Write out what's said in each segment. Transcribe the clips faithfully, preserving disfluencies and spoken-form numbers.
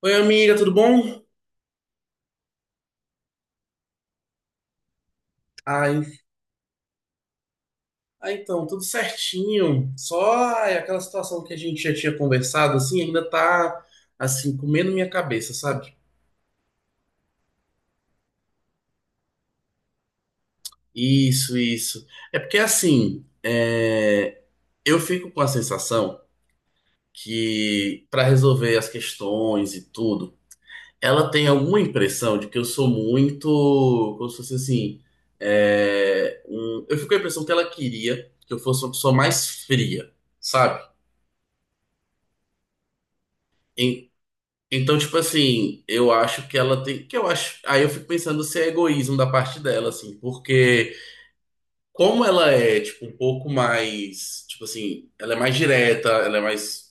Oi, amiga, tudo bom? Ah, en- ah, então, tudo certinho. Só ai, aquela situação que a gente já tinha conversado, assim, ainda tá, assim, comendo minha cabeça, sabe? Isso, isso. É porque, assim, é, eu fico com a sensação que, para resolver as questões e tudo, ela tem alguma impressão de que eu sou muito, como se fosse assim, é, um- eu fico com a impressão que ela queria que eu fosse uma pessoa mais fria, sabe? Então, tipo assim, eu acho que ela tem. Que eu acho. Aí eu fico pensando se é egoísmo da parte dela, assim, porque como ela é, tipo, um pouco mais. Tipo assim, ela é mais direta, ela é mais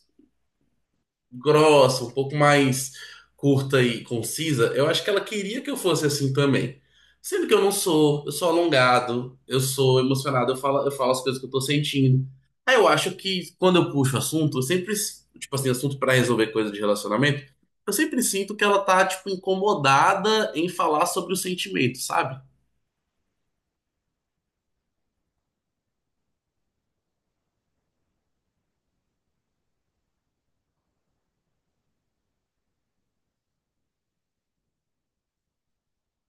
grossa, um pouco mais curta e concisa, eu acho que ela queria que eu fosse assim também. Sendo que eu não sou, eu sou alongado, eu sou emocionado, eu falo, eu falo as coisas que eu tô sentindo. Aí eu acho que quando eu puxo assunto, eu sempre, tipo assim, assunto pra resolver coisa de relacionamento, eu sempre sinto que ela tá, tipo, incomodada em falar sobre o sentimento, sabe?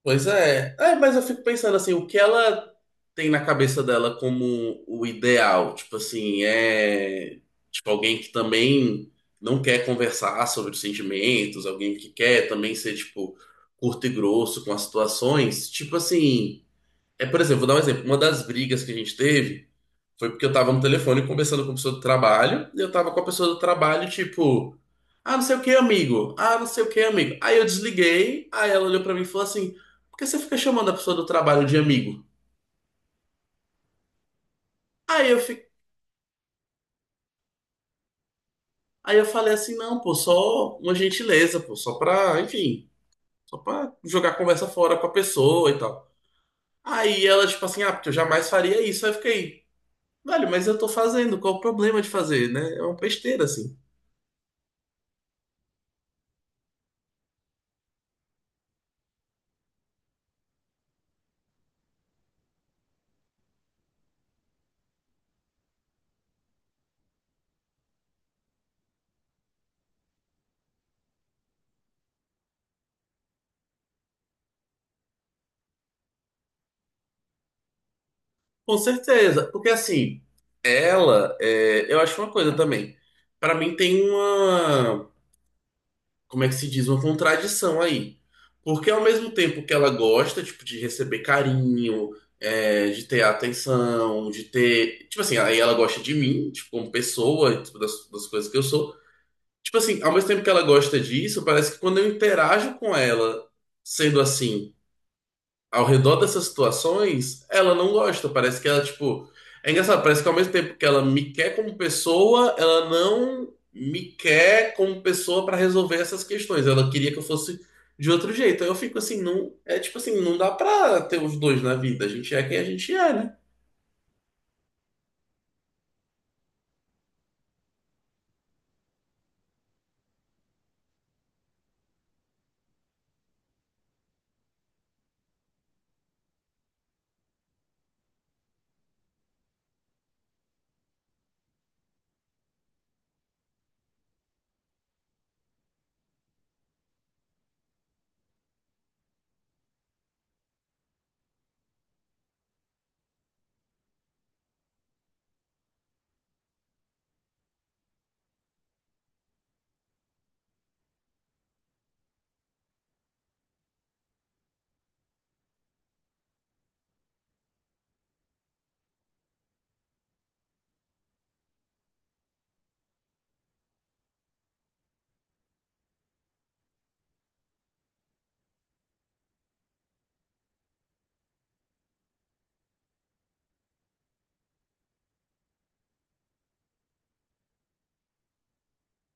Pois é. É, mas eu fico pensando assim, o que ela tem na cabeça dela como o ideal? Tipo assim, é tipo alguém que também não quer conversar sobre os sentimentos, alguém que quer também ser tipo curto e grosso com as situações. Tipo assim, é, por exemplo, vou dar um exemplo. Uma das brigas que a gente teve foi porque eu tava no telefone conversando com a pessoa do trabalho, e eu tava com a pessoa do trabalho, tipo, ah, não sei o que, amigo. Ah, não sei o que, amigo. Aí eu desliguei, aí ela olhou pra mim e falou assim: por que você fica chamando a pessoa do trabalho de amigo? Aí eu, fi... Aí eu falei assim: não, pô, só uma gentileza, pô, só pra, enfim, só pra jogar a conversa fora com a pessoa e tal. Aí ela, tipo assim, ah, porque eu jamais faria isso. Aí eu fiquei, velho, mas eu tô fazendo, qual o problema de fazer, né? É uma besteira, assim. Com certeza, porque assim, ela, é, eu acho uma coisa também. Pra mim tem uma, como é que se diz, uma contradição aí. Porque ao mesmo tempo que ela gosta, tipo, de receber carinho, é, de ter atenção, de ter, tipo assim, aí ela gosta de mim, tipo, como pessoa, tipo, das, das coisas que eu sou. Tipo assim, ao mesmo tempo que ela gosta disso, parece que quando eu interajo com ela sendo assim ao redor dessas situações, ela não gosta. Parece que ela, tipo. É engraçado, parece que ao mesmo tempo que ela me quer como pessoa, ela não me quer como pessoa para resolver essas questões. Ela queria que eu fosse de outro jeito. Aí eu fico assim, não. É tipo assim, não dá pra ter os dois na vida. A gente é quem a gente é, né?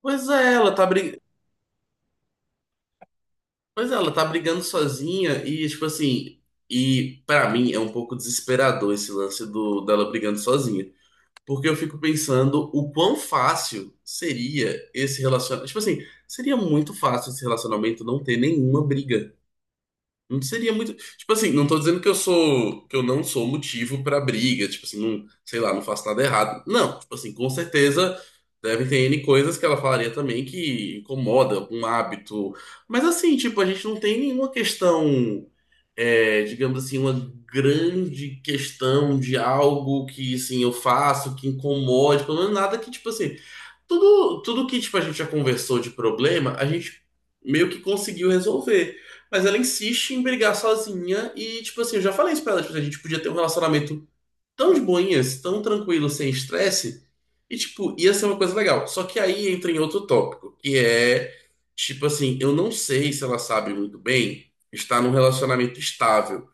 Pois é, ela tá brigando. Pois é, ela tá brigando sozinha e, tipo assim. E pra mim é um pouco desesperador esse lance do, dela brigando sozinha. Porque eu fico pensando o quão fácil seria esse relacionamento. Tipo assim, seria muito fácil esse relacionamento não ter nenhuma briga. Não seria muito. Tipo assim, não tô dizendo que eu sou. Que eu não sou motivo pra briga. Tipo assim, não, sei lá, não faço nada errado. Não, tipo assim, com certeza deve ter N coisas que ela falaria também que incomoda, um hábito. Mas assim, tipo, a gente não tem nenhuma questão é, digamos assim, uma grande questão de algo que, assim, eu faço, que incomode, pelo menos nada que, tipo assim, tudo, tudo que, tipo, a gente já conversou de problema, a gente meio que conseguiu resolver. Mas ela insiste em brigar sozinha e, tipo assim, eu já falei isso pra ela, tipo, a gente podia ter um relacionamento tão de boinhas, tão tranquilo, sem estresse, e, tipo, ia ser uma coisa legal. Só que aí entra em outro tópico, que é, tipo assim, eu não sei se ela sabe muito bem estar num relacionamento estável.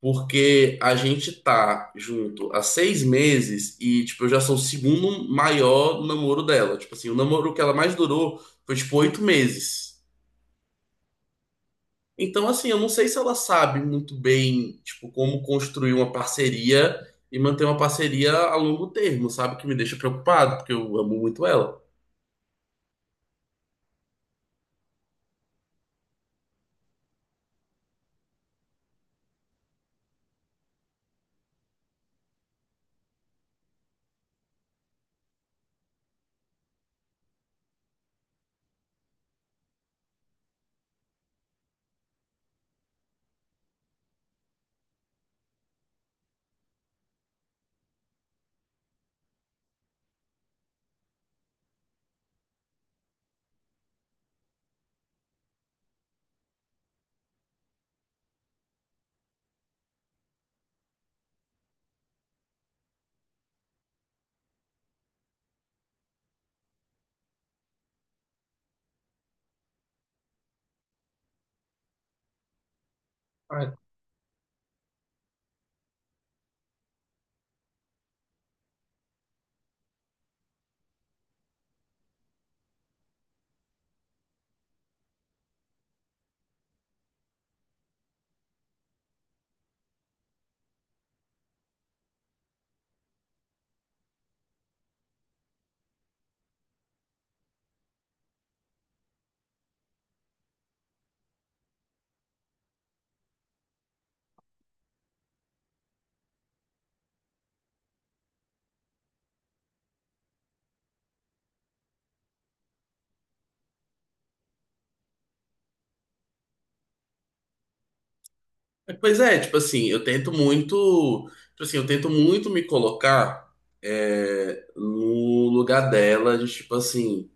Porque a gente tá junto há seis meses e, tipo, eu já sou o segundo maior namoro dela. Tipo assim, o namoro que ela mais durou foi, tipo, oito meses. Então, assim, eu não sei se ela sabe muito bem, tipo, como construir uma parceria e manter uma parceria a longo termo, sabe? Que me deixa preocupado, porque eu amo muito ela. Ah, é, Pois é, tipo assim, eu tento muito, tipo assim, eu tento muito me colocar é, no lugar dela, de tipo assim.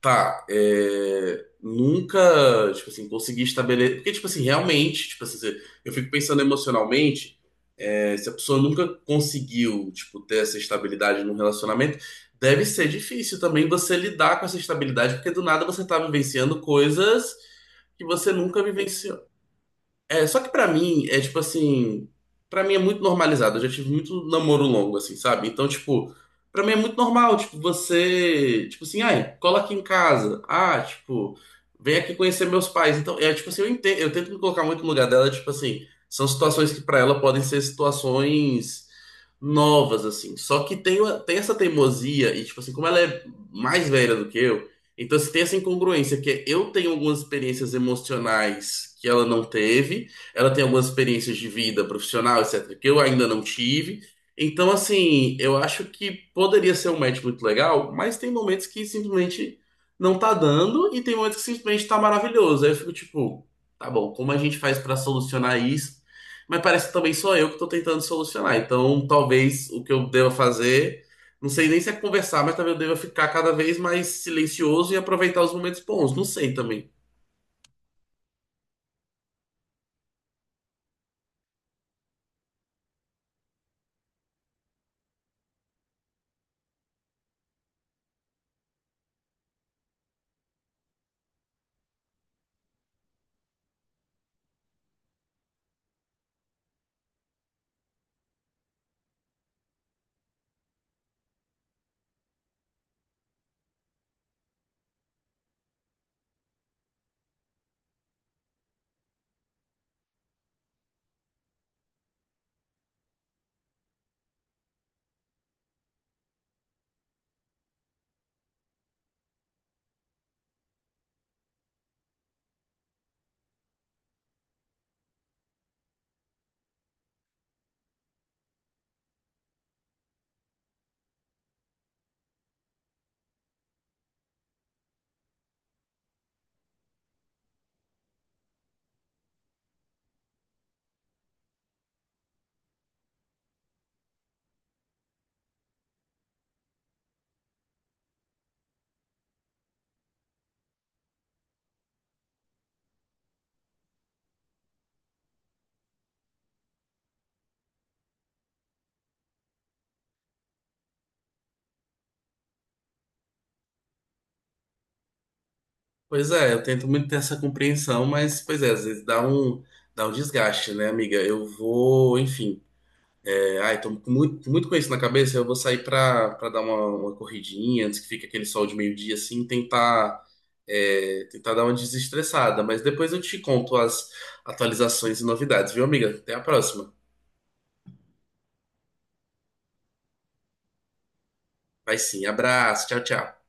Tá, é, nunca, tipo assim, consegui estabelecer. Porque, tipo assim, realmente, tipo assim, se- eu fico pensando emocionalmente, é, se a pessoa nunca conseguiu, tipo, ter essa estabilidade num relacionamento, deve ser difícil também você lidar com essa estabilidade, porque do nada você tá vivenciando coisas que você nunca vivenciou. É, só que pra mim é tipo assim, pra mim é muito normalizado. Eu já tive muito namoro longo assim, sabe? Então, tipo, pra mim é muito normal, tipo, você, tipo assim, ai, cola aqui em casa. Ah, tipo, vem aqui conhecer meus pais. Então, é tipo assim, eu entendo, eu tento me colocar muito no lugar dela, tipo assim, são situações que pra ela podem ser situações novas assim. Só que tem uma- tem essa teimosia e tipo assim, como ela é mais velha do que eu, então, se tem essa incongruência, que é eu tenho algumas experiências emocionais que ela não teve, ela tem algumas experiências de vida profissional, etcétera, que eu ainda não tive. Então, assim, eu acho que poderia ser um match muito legal, mas tem momentos que simplesmente não tá dando e tem momentos que simplesmente tá maravilhoso. Aí eu fico tipo, tá bom, como a gente faz pra solucionar isso? Mas parece que também sou eu que tô tentando solucionar. Então, talvez o que eu deva fazer, não sei nem se é conversar, mas talvez eu deva ficar cada vez mais silencioso e aproveitar os momentos bons. Não sei também. Pois é, eu tento muito ter essa compreensão, mas, pois é, às vezes dá um, dá um desgaste, né, amiga? Eu vou, enfim, é, ai, tô com muito, com muito com isso na cabeça, eu vou sair pra, pra dar uma, uma corridinha antes que fique aquele sol de meio-dia, assim, tentar, é, tentar dar uma desestressada. Mas depois eu te conto as atualizações e novidades, viu, amiga? Até a próxima. Vai sim, abraço, tchau, tchau.